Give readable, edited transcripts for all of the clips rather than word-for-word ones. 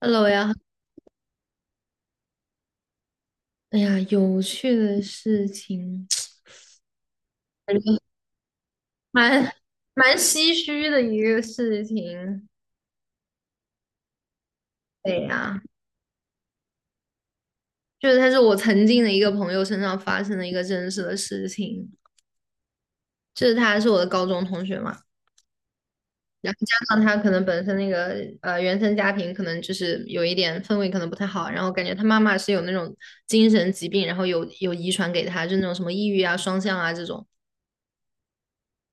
Hello 呀，哎呀，有趣的事情，感觉蛮蛮唏嘘的一个事情。对呀，就是他是我曾经的一个朋友身上发生的一个真实的事情，就是他是我的高中同学嘛，然后加上他可能本身那个原生家庭可能就是有一点氛围可能不太好，然后感觉他妈妈是有那种精神疾病，然后有遗传给他，就那种什么抑郁啊、双向啊这种。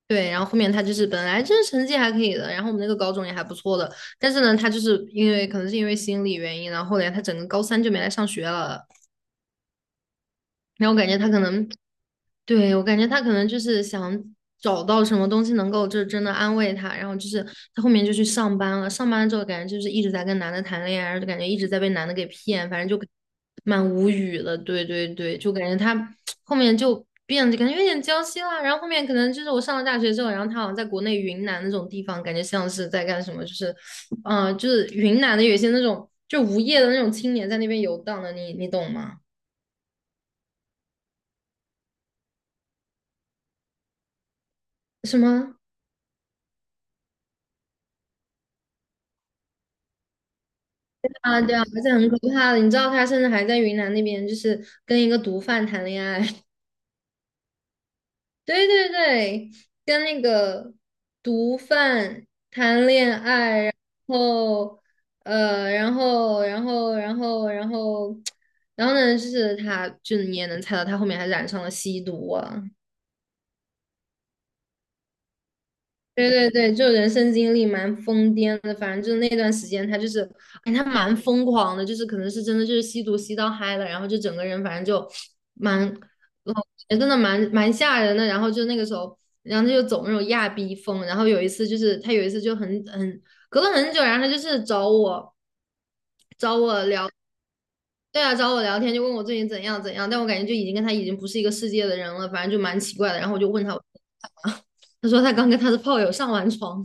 对，然后后面他就是本来就是成绩还可以的，然后我们那个高中也还不错的，但是呢，他就是因为可能是因为心理原因，然后后来他整个高三就没来上学了，然后我感觉他可能对，我感觉他可能就是想找到什么东西能够就是真的安慰他，然后就是他后面就去上班了，上班了之后感觉就是一直在跟男的谈恋爱，然后就感觉一直在被男的给骗，反正就蛮无语的。对对对，就感觉他 后面就变得感觉有点娇妻啦，然后后面可能就是我上了大学之后，然后他好像在国内云南那种地方，感觉像是在干什么，就是就是云南的有一些那种就无业的那种青年在那边游荡的，你懂吗？什么？啊，对啊，而且很可怕的，你知道他甚至还在云南那边，就是跟一个毒贩谈恋爱。对对对，跟那个毒贩谈恋爱，后然后 然后呢，就是他，就你也能猜到，他后面还染上了吸毒啊。对对对，就人生经历蛮疯癫的，反正就是那段时间他就是，哎，他蛮疯狂的，就是可能是真的就是吸毒吸到嗨了，然后就整个人反正就蛮，呃真的蛮吓人的。然后就那个时候，然后他就走那种亚逼风。然后有一次就是他有一次就很隔了很久，然后他就是找我聊。对啊，找我聊天就问我最近怎样怎样，但我感觉就已经跟他已经不是一个世界的人了，反正就蛮奇怪的。然后我就问他，我 他说他刚跟他的炮友上完床，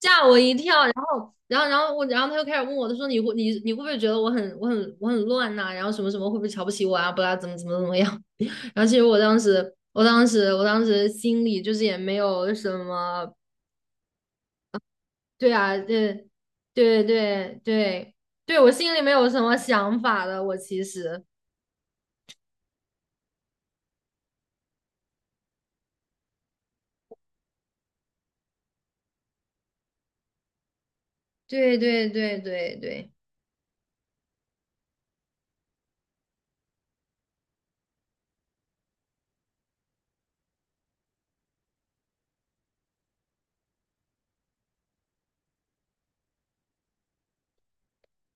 吓我一跳。然后，然后，然后我，然后他又开始问我，他说你会不会觉得我很乱呐、然后什么什么会不会瞧不起我啊？不啦，怎么样？然后其实我当时心里就是也没有什么，对啊，对对对对对，我心里没有什么想法的，我其实。对对对对对，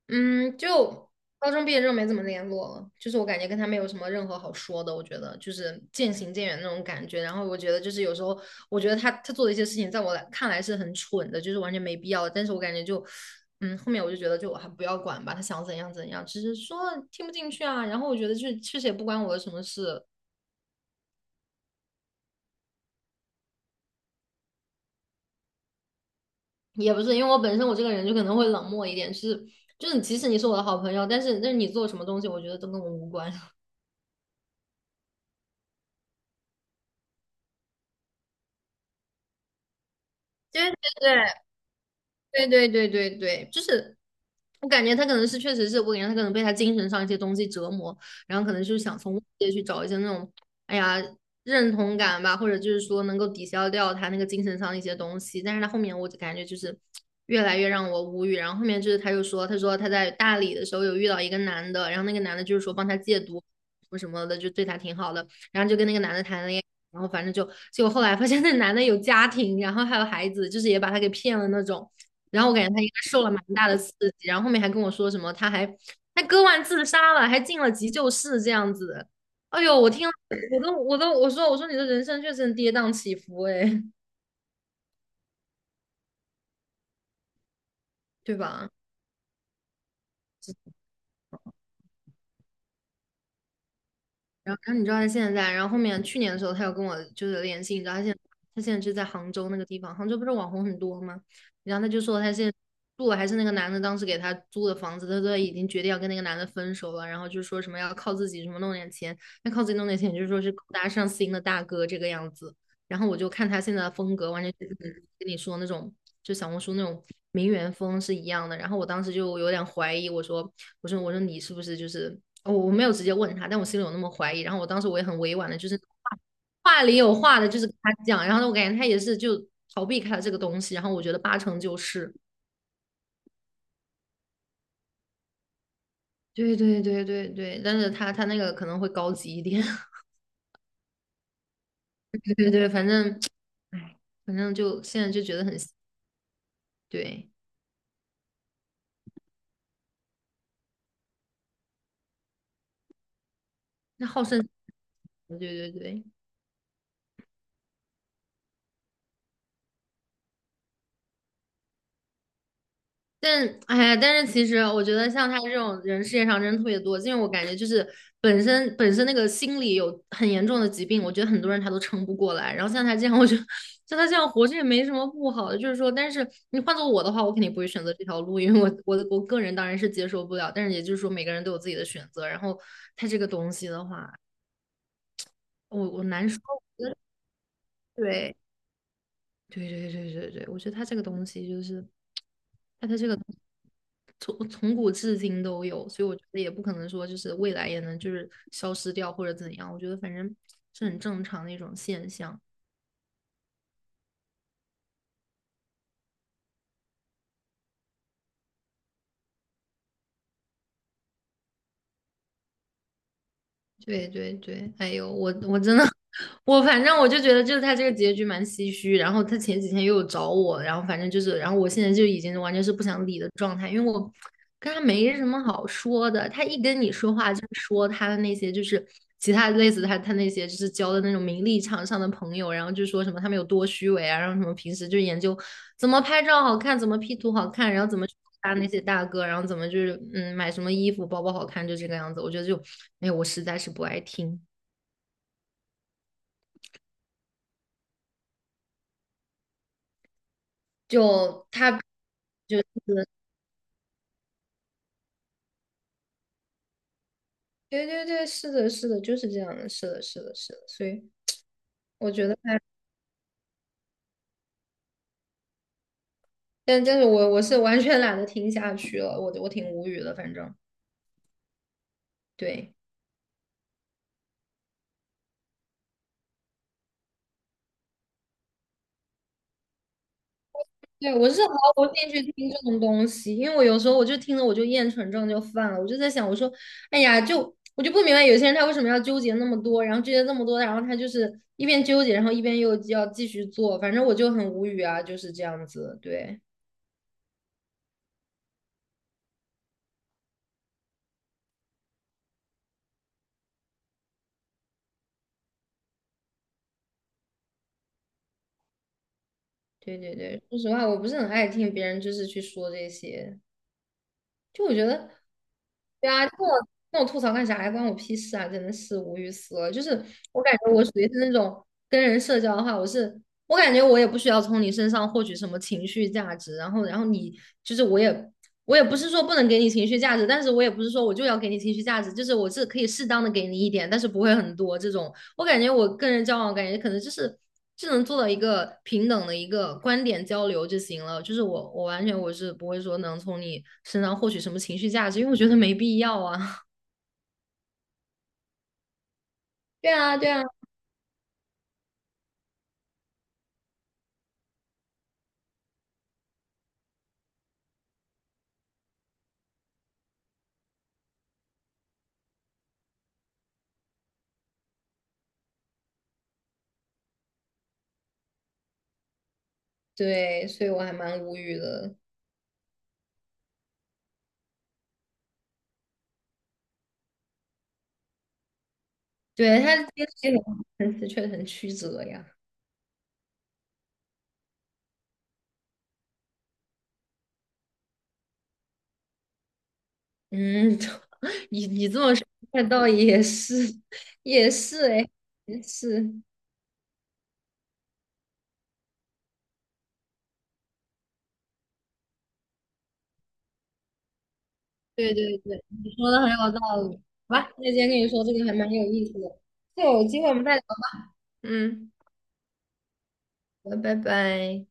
嗯，就高中毕业之后没怎么联络了，就是我感觉跟他没有什么任何好说的，我觉得就是渐行渐远那种感觉。然后我觉得就是有时候，我觉得他做的一些事情，在我来看来是很蠢的，就是完全没必要的但是我感觉就，嗯，后面我就觉得就我还不要管吧，他想怎样怎样，只是说听不进去啊。然后我觉得就是确实也不关我的什么事，也不是因为我本身我这个人就可能会冷漠一点，就是就是即使你是我的好朋友，但是你做什么东西，我觉得都跟我无关。对对对，对对对对对，就是我感觉他可能是确实是我感觉他可能被他精神上一些东西折磨，然后可能就是想从外界去找一些那种哎呀认同感吧，或者就是说能够抵消掉他那个精神上一些东西。但是他后面我就感觉就是越来越让我无语。然后后面就是他又说，他说他在大理的时候有遇到一个男的，然后那个男的就是说帮他戒毒什么什么的，就对他挺好的，然后就跟那个男的谈恋爱。然后反正就，结果后来发现那男的有家庭，然后还有孩子，就是也把他给骗了那种。然后我感觉他应该受了蛮大的刺激，然后后面还跟我说什么，他割腕自杀了，还进了急救室这样子。哎呦，我听了我都我说我说你的人生确实很跌宕起伏哎，对吧？然后，然后你知道他现在在，然后后面去年的时候，他有跟我就是联系，你知道他现在就在杭州那个地方，杭州不是网红很多吗？然后他就说他现在住的还是那个男的当时给他租的房子，他都已经决定要跟那个男的分手了，然后就说什么要靠自己，什么弄点钱，要靠自己弄点钱，就是说是勾搭上心的大哥这个样子。然后我就看他现在的风格，完全就是跟你说那种，就小红书那种名媛风是一样的。然后我当时就有点怀疑，我说你是不是就是我哦，我没有直接问他，但我心里有那么怀疑。然后我当时我也很委婉的，就是话里有话的，就是跟他讲。然后我感觉他也是就逃避开了这个东西。然后我觉得八成就是，对对对对对，但是他那个可能会高级一点。对对对，反正，哎，反正就现在就觉得很对。那好胜，对对对。但哎呀，但是其实我觉得像他这种人世界上真的特别多，因为我感觉就是本身那个心理有很严重的疾病，我觉得很多人他都撑不过来。然后像他这样，我觉得像他这样活着也没什么不好的，就是说，但是你换做我的话，我肯定不会选择这条路，因为我个人当然是接受不了，但是也就是说每个人都有自己的选择，然后他这个东西的话，我难说，对。对对对对对，我觉得他这个东西就是，它的这个从古至今都有，所以我觉得也不可能说就是未来也能就是消失掉或者怎样，我觉得反正是很正常的一种现象。对对对，哎呦，我真的，我反正我就觉得就是他这个结局蛮唏嘘。然后他前几天又有找我，然后反正就是，然后我现在就已经完全是不想理的状态，因为我跟他没什么好说的，他一跟你说话就是说他的那些就是其他类似他那些就是交的那种名利场上的朋友，然后就说什么他们有多虚伪啊，然后什么平时就研究怎么拍照好看，怎么 P 图好看，然后怎么去搭那些大哥，然后怎么就是嗯买什么衣服包包好看，就这个样子。我觉得就哎我实在是不爱听，就他就是对对对，是的，是的，就是这样的，是的，是的，是的，所以我觉得他。但但是我是完全懒得听下去了，我挺无语的，反正对对，我是毫无兴趣听这种东西，因为我有时候我就听了我就厌蠢症就犯了，我就在想，我说，哎呀，就我就不明白有些人他为什么要纠结那么多，然后纠结这么多，然后他就是一边纠结，然后一边又要继续做，反正我就很无语啊，就是这样子，对对对对，说实话，我不是很爱听别人就是去说这些，就我觉得，对啊，跟我吐槽干啥呀？关我屁事啊！真的是无语死了。就是我感觉我属于是那种跟人社交的话，我感觉我也不需要从你身上获取什么情绪价值，然后你就是我也不是说不能给你情绪价值，但是我也不是说我就要给你情绪价值，就是我是可以适当的给你一点，但是不会很多这种。我感觉我跟人交往，感觉可能就是只能做到一个平等的一个观点交流就行了。就是我，我完全是不会说能从你身上获取什么情绪价值，因为我觉得没必要啊。对啊，对啊，对，所以我还蛮无语的。对，他这个很很的确实很曲折呀。嗯，你这么说，那倒也是，也是哎，也是。对对对，你说的很有道理。好吧，那今天跟你说这个还蛮有意思的。就有机会我们再聊嗯，好，拜拜。